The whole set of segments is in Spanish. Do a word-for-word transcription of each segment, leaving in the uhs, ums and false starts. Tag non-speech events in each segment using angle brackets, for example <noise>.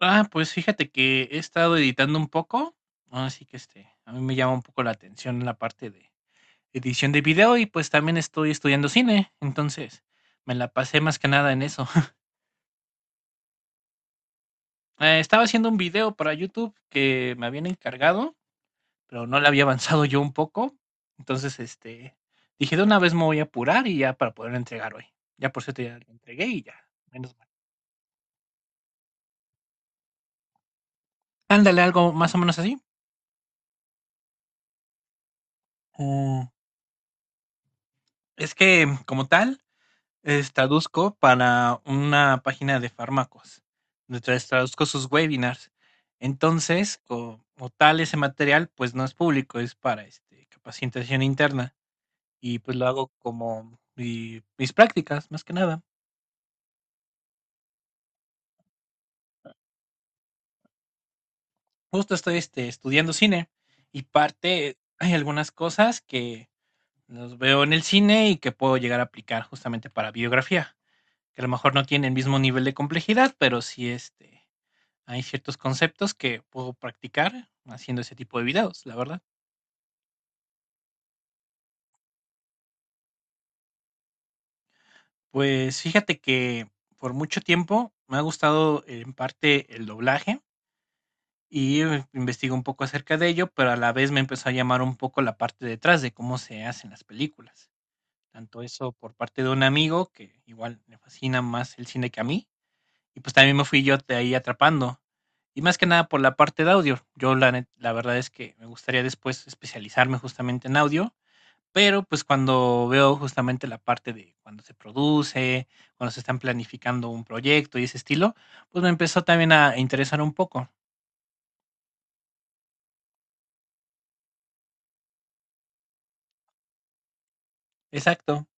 Ah, pues fíjate que he estado editando un poco, así que, este, a mí me llama un poco la atención la parte de edición de video y, pues, también estoy estudiando cine, entonces me la pasé más que nada en eso. <laughs> Eh, estaba haciendo un video para YouTube que me habían encargado, pero no le había avanzado yo un poco, entonces, este, dije: "De una vez me voy a apurar y ya para poder entregar hoy". Ya, por cierto, ya lo entregué y ya, menos mal. Ándale, algo más o menos así. Mm, es que como tal. Es, traduzco para una página de fármacos. Entonces traduzco sus webinars. Entonces, co- como tal, ese material, pues no es público, es para este, capacitación interna. Y pues lo hago como mi- mis prácticas, más que nada. Justo estoy este, estudiando cine y parte, hay algunas cosas que los veo en el cine y que puedo llegar a aplicar justamente para biografía, que a lo mejor no tiene el mismo nivel de complejidad, pero sí este, hay ciertos conceptos que puedo practicar haciendo ese tipo de videos, la verdad. Pues fíjate que por mucho tiempo me ha gustado eh, en parte el doblaje y eh, investigué un poco acerca de ello, pero a la vez me empezó a llamar un poco la parte detrás de cómo se hacen las películas. Tanto eso por parte de un amigo que igual le fascina más el cine que a mí, y pues también me fui yo de ahí atrapando. Y más que nada por la parte de audio. Yo la, net- la verdad es que me gustaría después especializarme justamente en audio. Pero, pues, cuando veo justamente la parte de cuando se produce, cuando se están planificando un proyecto y ese estilo, pues, me empezó también a interesar un poco. Exacto.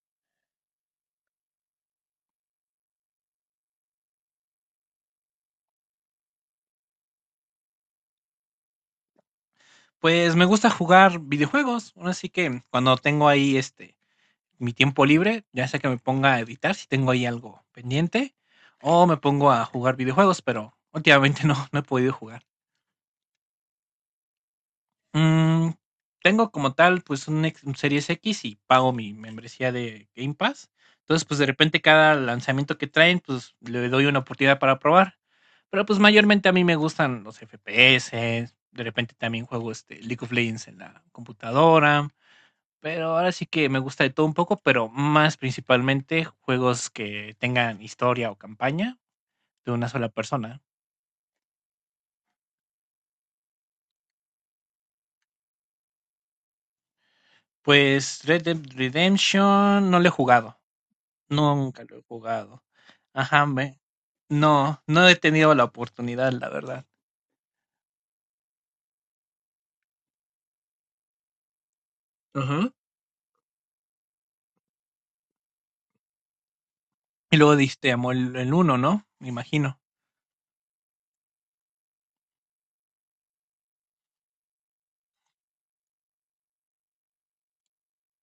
Pues, me gusta jugar videojuegos, ahora sí que cuando tengo ahí, este, mi tiempo libre, ya sea que me ponga a editar si tengo ahí algo pendiente, o me pongo a jugar videojuegos, pero últimamente <laughs> no, no he podido jugar. Mm, tengo como tal, pues, un ex un Series X y pago mi membresía de Game Pass. Entonces, pues, de repente cada lanzamiento que traen, pues, le doy una oportunidad para probar. Pero, pues, mayormente a mí me gustan los F P S, de repente también juego, este, League of Legends en la computadora, pero ahora sí que me gusta de todo un poco, pero más principalmente juegos que tengan historia o campaña de una sola persona. Pues, Red Dead Redemption no lo he jugado. Nunca lo he jugado. Ajá, me... No, no he tenido la oportunidad, la verdad. Ajá. Y luego diste amor el, el uno, ¿no? Me imagino.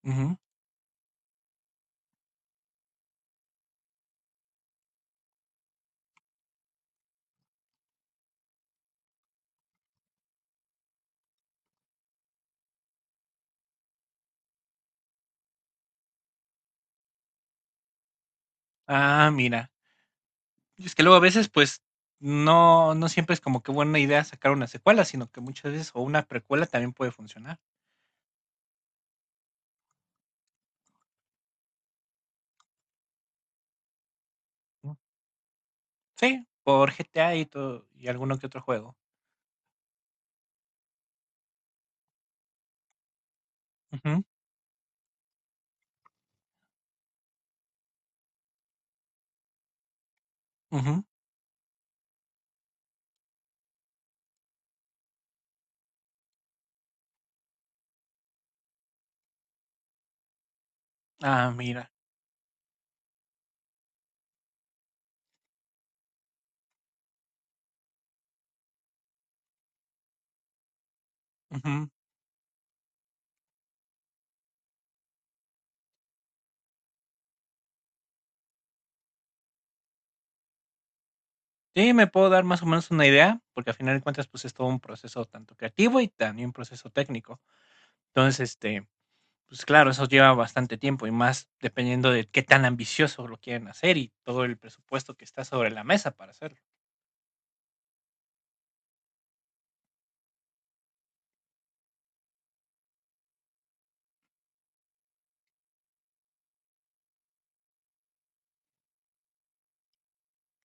Ujú. Ah, mira. Es que luego a veces, pues, no, no siempre es como que buena idea sacar una secuela, sino que muchas veces, o una precuela también puede funcionar. ¿No? Sí, por G T A y todo, y alguno que otro juego. Ujú, ujú. Ah, mira. Ujú. Sí, me puedo dar más o menos una idea, porque al final de cuentas, pues es todo un proceso tanto creativo y también un proceso técnico. Entonces, este, pues claro, eso lleva bastante tiempo y más dependiendo de qué tan ambicioso lo quieren hacer y todo el presupuesto que está sobre la mesa para hacerlo.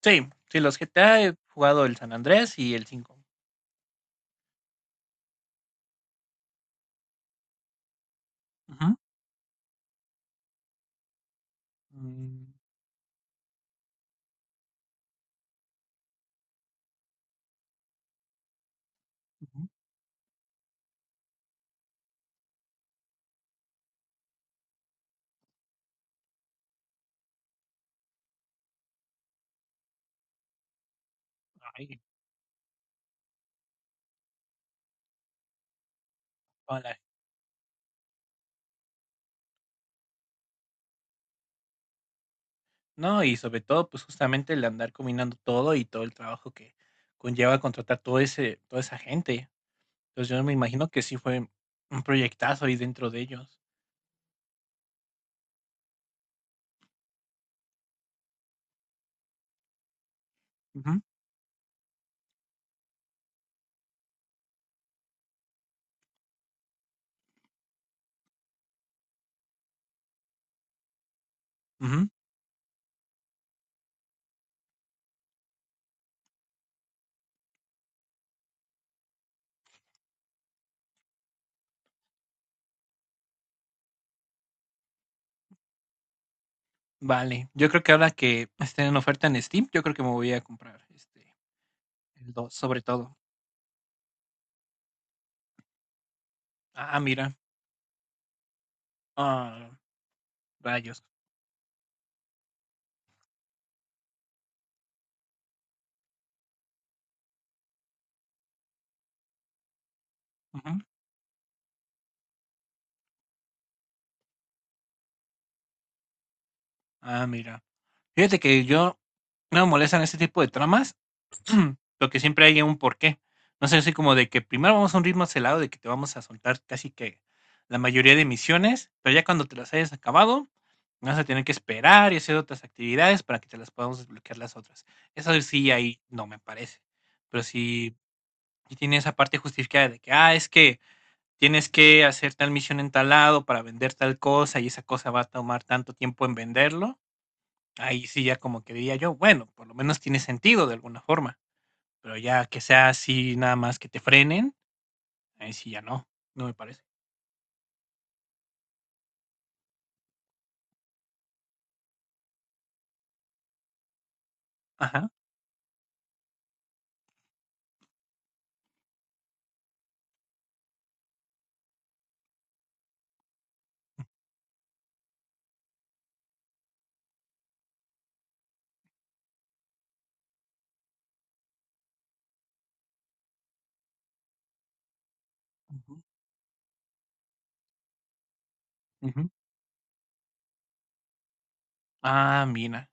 Sí, sí, los G T A he jugado el San Andrés y el cinco. Ujú. Mm, ujú. Ay, hola. No, y sobre todo, pues justamente el andar combinando todo y todo el trabajo que conlleva contratar todo ese, toda esa gente. Entonces yo me imagino que sí fue un proyectazo ahí dentro de ellos. Ujú, ujú. Vale, yo creo que ahora que esté en oferta en Steam, yo creo que me voy a comprar, este, el dos sobre todo. Ah, mira. Ah, rayos. Ujú. Ah, mira. Fíjate que yo no me molestan ese tipo de tramas, <clears throat> lo que siempre hay un porqué. No sé, así como de que primero vamos a un ritmo acelerado de que te vamos a soltar casi que la mayoría de misiones, pero ya cuando te las hayas acabado, vas a tener que esperar y hacer otras actividades para que te las podamos desbloquear las otras. Eso sí, ahí no me parece. Pero sí y tiene esa parte justificada de que, ah, es que tienes que hacer tal misión en tal lado para vender tal cosa y esa cosa va a tomar tanto tiempo en venderlo, ahí sí ya como que diría yo, bueno, por lo menos tiene sentido de alguna forma, pero ya que sea así nada más que te frenen, ahí sí ya no, no me parece. Ajá. Ujú, ujú. Ah, mira.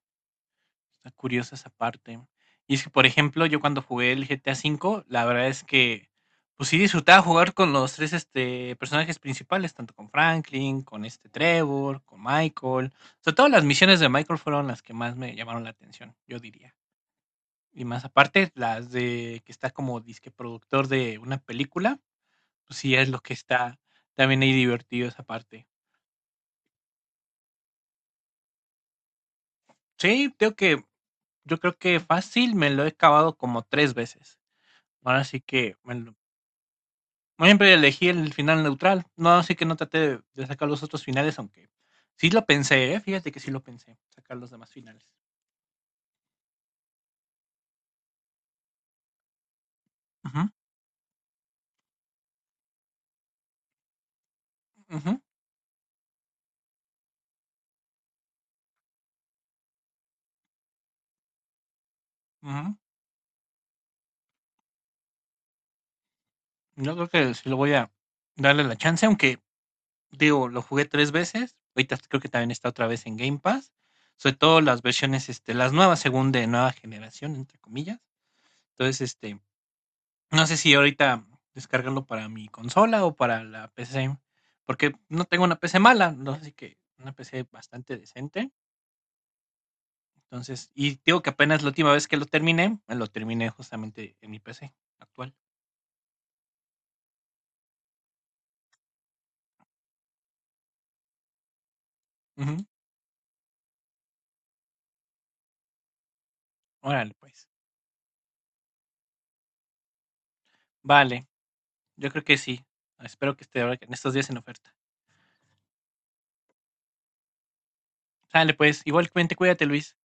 Está curiosa esa parte. Y es que, por ejemplo, yo cuando jugué el G T A cinco, la verdad es que, pues sí disfrutaba jugar con los tres este, personajes principales, tanto con Franklin, con este Trevor, con Michael. Sobre todo las misiones de Michael fueron las que más me llamaron la atención, yo diría. Y más aparte, las de que está como disque productor de una película, pues sí es lo que está también ahí divertido esa parte. Sí, tengo que, yo creo que fácil me lo he acabado como tres veces. Ahora sí que me, Siempre elegí el final neutral. No, así que no traté de, de sacar los otros finales, aunque sí lo pensé, ¿eh? Fíjate que sí lo pensé, sacar los demás finales. Ujú, ujú, ujú. Yo creo que sí lo voy a darle la chance, aunque digo, lo jugué tres veces. Ahorita creo que también está otra vez en Game Pass. Sobre todo las versiones, este, las nuevas, según de nueva generación, entre comillas. Entonces, este, no sé si ahorita descargarlo para mi consola o para la P C, porque no tengo una P C mala, ¿no? Así que una P C bastante decente. Entonces, y digo que apenas la última vez que lo terminé, lo terminé justamente en mi P C actual. Ujú. Órale, pues. Vale, yo creo que sí. Espero que esté ahora- en estos días en oferta. Sale, pues. Igualmente, cuídate, Luis.